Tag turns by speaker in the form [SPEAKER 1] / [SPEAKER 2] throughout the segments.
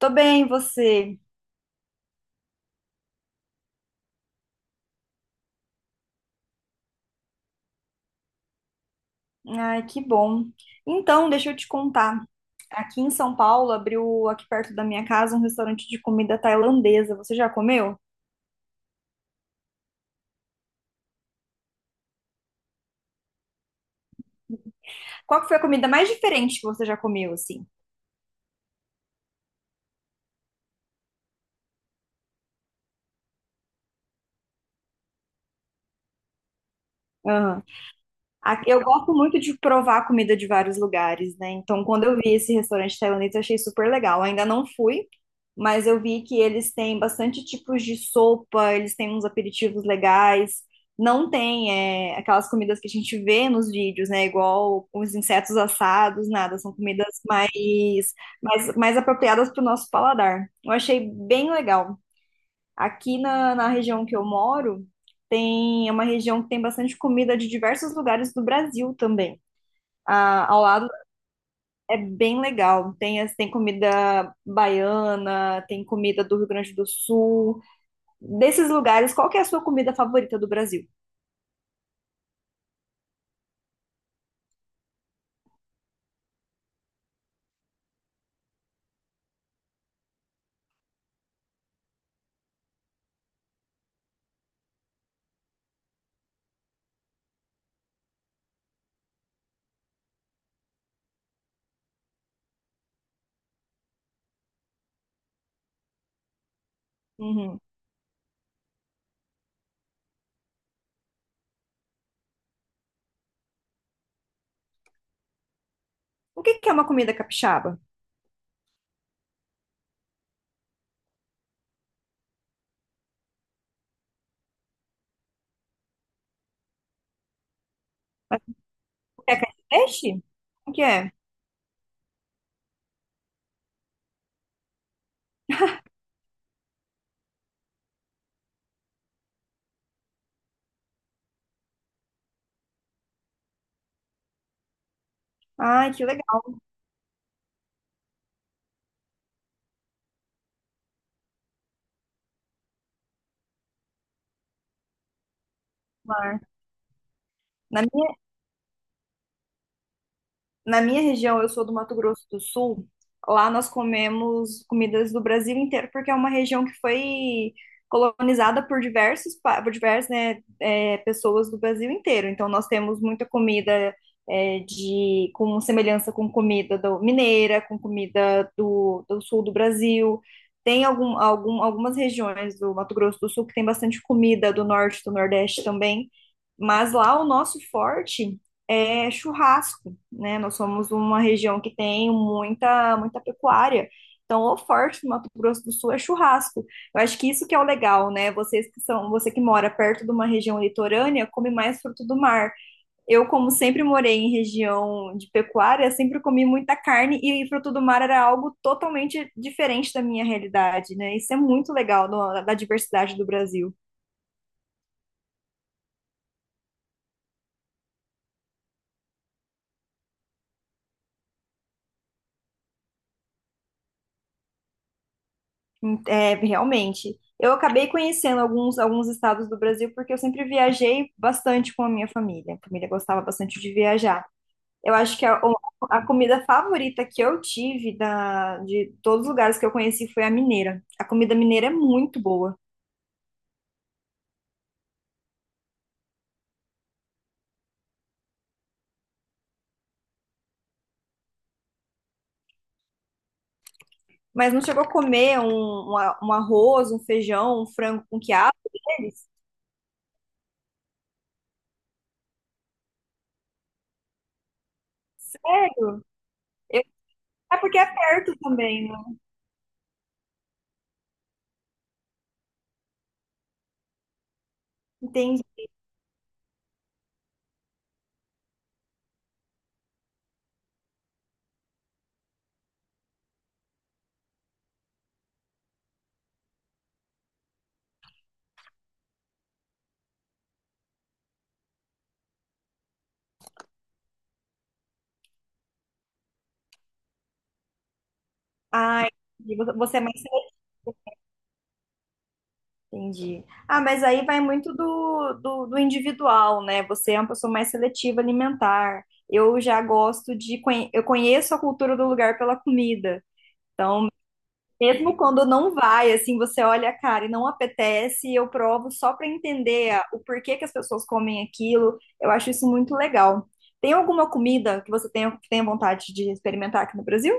[SPEAKER 1] Tô bem, você? Ai, que bom. Então, deixa eu te contar. Aqui em São Paulo abriu aqui perto da minha casa um restaurante de comida tailandesa. Você já comeu? Qual que foi a comida mais diferente que você já comeu, assim? Eu gosto muito de provar comida de vários lugares, né? Então, quando eu vi esse restaurante tailandês, eu achei super legal. Ainda não fui, mas eu vi que eles têm bastante tipos de sopa, eles têm uns aperitivos legais. Não tem, aquelas comidas que a gente vê nos vídeos, né? Igual os insetos assados, nada. São comidas mais, mais apropriadas para o nosso paladar. Eu achei bem legal. Aqui na região que eu moro, tem, é uma região que tem bastante comida de diversos lugares do Brasil também. Ah, ao lado é bem legal. Tem, tem comida baiana, tem comida do Rio Grande do Sul. Desses lugares, qual que é a sua comida favorita do Brasil? Uhum. O que que é uma comida capixaba? É carne de peixe? O que é? Ai, que legal. Mar. Na minha Na minha região, eu sou do Mato Grosso do Sul. Lá nós comemos comidas do Brasil inteiro, porque é uma região que foi colonizada por diversos, por diversas, né, pessoas do Brasil inteiro. Então nós temos muita comida de com semelhança com comida do mineira, com comida do, do sul do Brasil. Tem algumas regiões do Mato Grosso do Sul que tem bastante comida do norte, do nordeste também. Mas lá o nosso forte é churrasco, né? Nós somos uma região que tem muita, muita pecuária. Então, o forte do Mato Grosso do Sul é churrasco. Eu acho que isso que é o legal, né? Você que mora perto de uma região litorânea, come mais fruto do mar. Eu, como sempre morei em região de pecuária, sempre comi muita carne e fruto do mar era algo totalmente diferente da minha realidade, né? Isso é muito legal da diversidade do Brasil. É, realmente. Eu acabei conhecendo alguns, alguns estados do Brasil porque eu sempre viajei bastante com a minha família. A família gostava bastante de viajar. Eu acho que a comida favorita que eu tive de todos os lugares que eu conheci foi a mineira. A comida mineira é muito boa. Mas não chegou a comer um, um arroz, um feijão, um frango com quiabo deles? Sério? Eu- É porque é perto também, né? Entendi. Ai, você é mais. Entendi. Ah, mas aí vai muito do individual, né? Você é uma pessoa mais seletiva alimentar. Eu já gosto de. Eu conheço a cultura do lugar pela comida. Mesmo quando não vai, assim, você olha a cara e não apetece, eu provo só para entender o porquê que as pessoas comem aquilo. Eu acho isso muito legal. Tem alguma comida que você tenha, que tenha vontade de experimentar aqui no Brasil?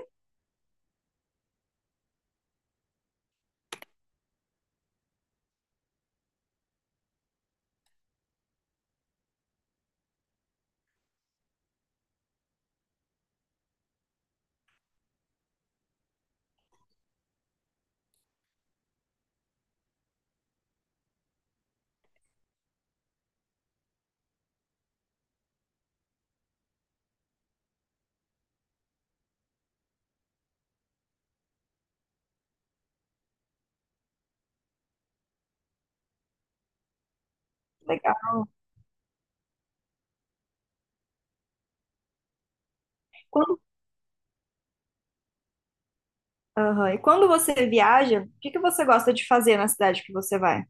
[SPEAKER 1] Legal. Quando. Aham. E quando você viaja, o que que você gosta de fazer na cidade que você vai?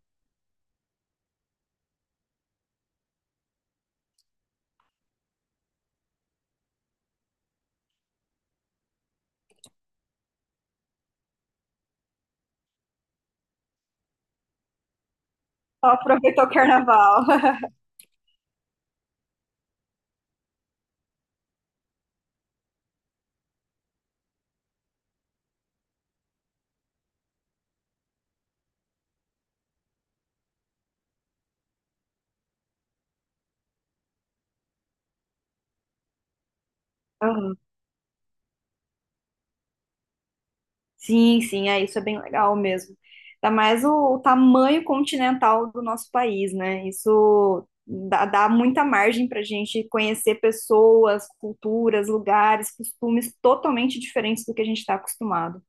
[SPEAKER 1] Só aproveitou o carnaval. Aham. Sim, sim, isso é bem legal mesmo. Ainda mais o tamanho continental do nosso país, né? Isso dá muita margem para a gente conhecer pessoas, culturas, lugares, costumes totalmente diferentes do que a gente está acostumado.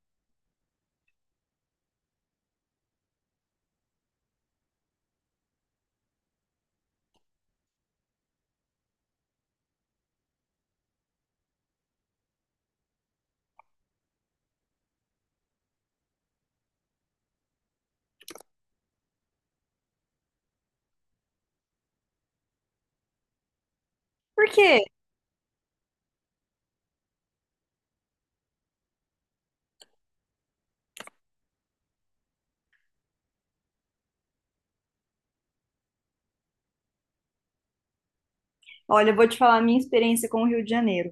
[SPEAKER 1] Por quê? Olha, eu vou te falar a minha experiência com o Rio de Janeiro.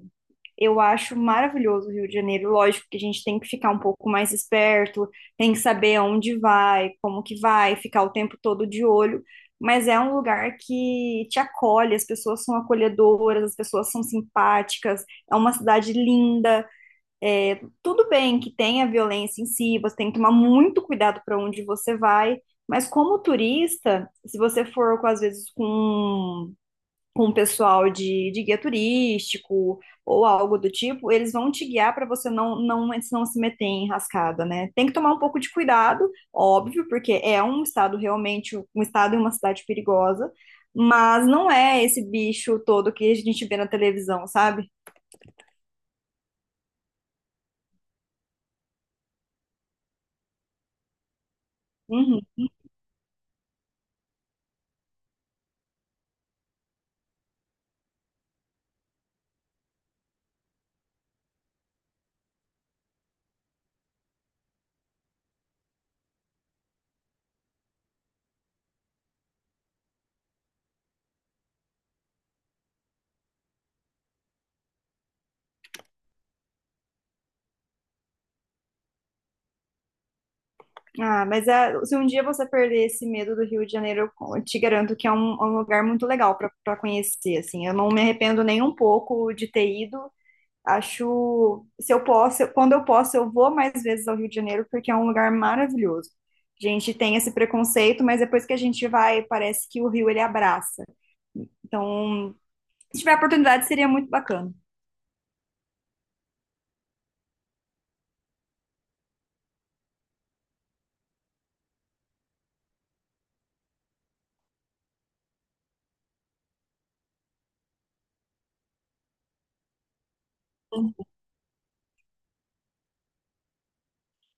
[SPEAKER 1] Eu acho maravilhoso o Rio de Janeiro. Lógico que a gente tem que ficar um pouco mais esperto, tem que saber aonde vai, como que vai, ficar o tempo todo de olho. Mas é um lugar que te acolhe, as pessoas são acolhedoras, as pessoas são simpáticas, é uma cidade linda. Tudo bem que tenha violência em si, você tem que tomar muito cuidado para onde você vai. Mas como turista, se você for com, às vezes com o pessoal de guia turístico ou algo do tipo, eles vão te guiar para você não se meter em enrascada, né? Tem que tomar um pouco de cuidado, óbvio, porque é um estado realmente, um estado e uma cidade perigosa, mas não é esse bicho todo que a gente vê na televisão, sabe? Uhum. Ah, mas se um dia você perder esse medo do Rio de Janeiro, eu te garanto que é um lugar muito legal para conhecer, assim. Eu não me arrependo nem um pouco de ter ido. Acho, se eu posso, quando eu posso, eu vou mais vezes ao Rio de Janeiro, porque é um lugar maravilhoso. A gente tem esse preconceito, mas depois que a gente vai, parece que o Rio ele abraça. Então, se tiver oportunidade, seria muito bacana.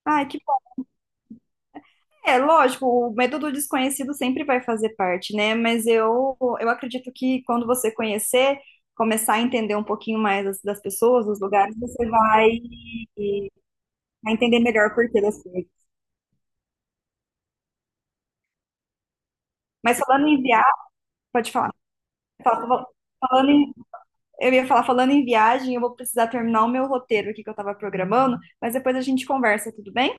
[SPEAKER 1] Ai, que. É, lógico, o medo do desconhecido sempre vai fazer parte, né? Mas eu acredito que quando você conhecer, começar a entender um pouquinho mais das pessoas, dos lugares, você vai, vai entender melhor o porquê das coisas. Mas falando em viagem, pode falar. Fala- fala- Falando em- eu ia falar, falando em viagem, eu vou precisar terminar o meu roteiro aqui que eu estava programando, mas depois a gente conversa, tudo bem?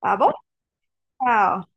[SPEAKER 1] Tá bom? Tchau.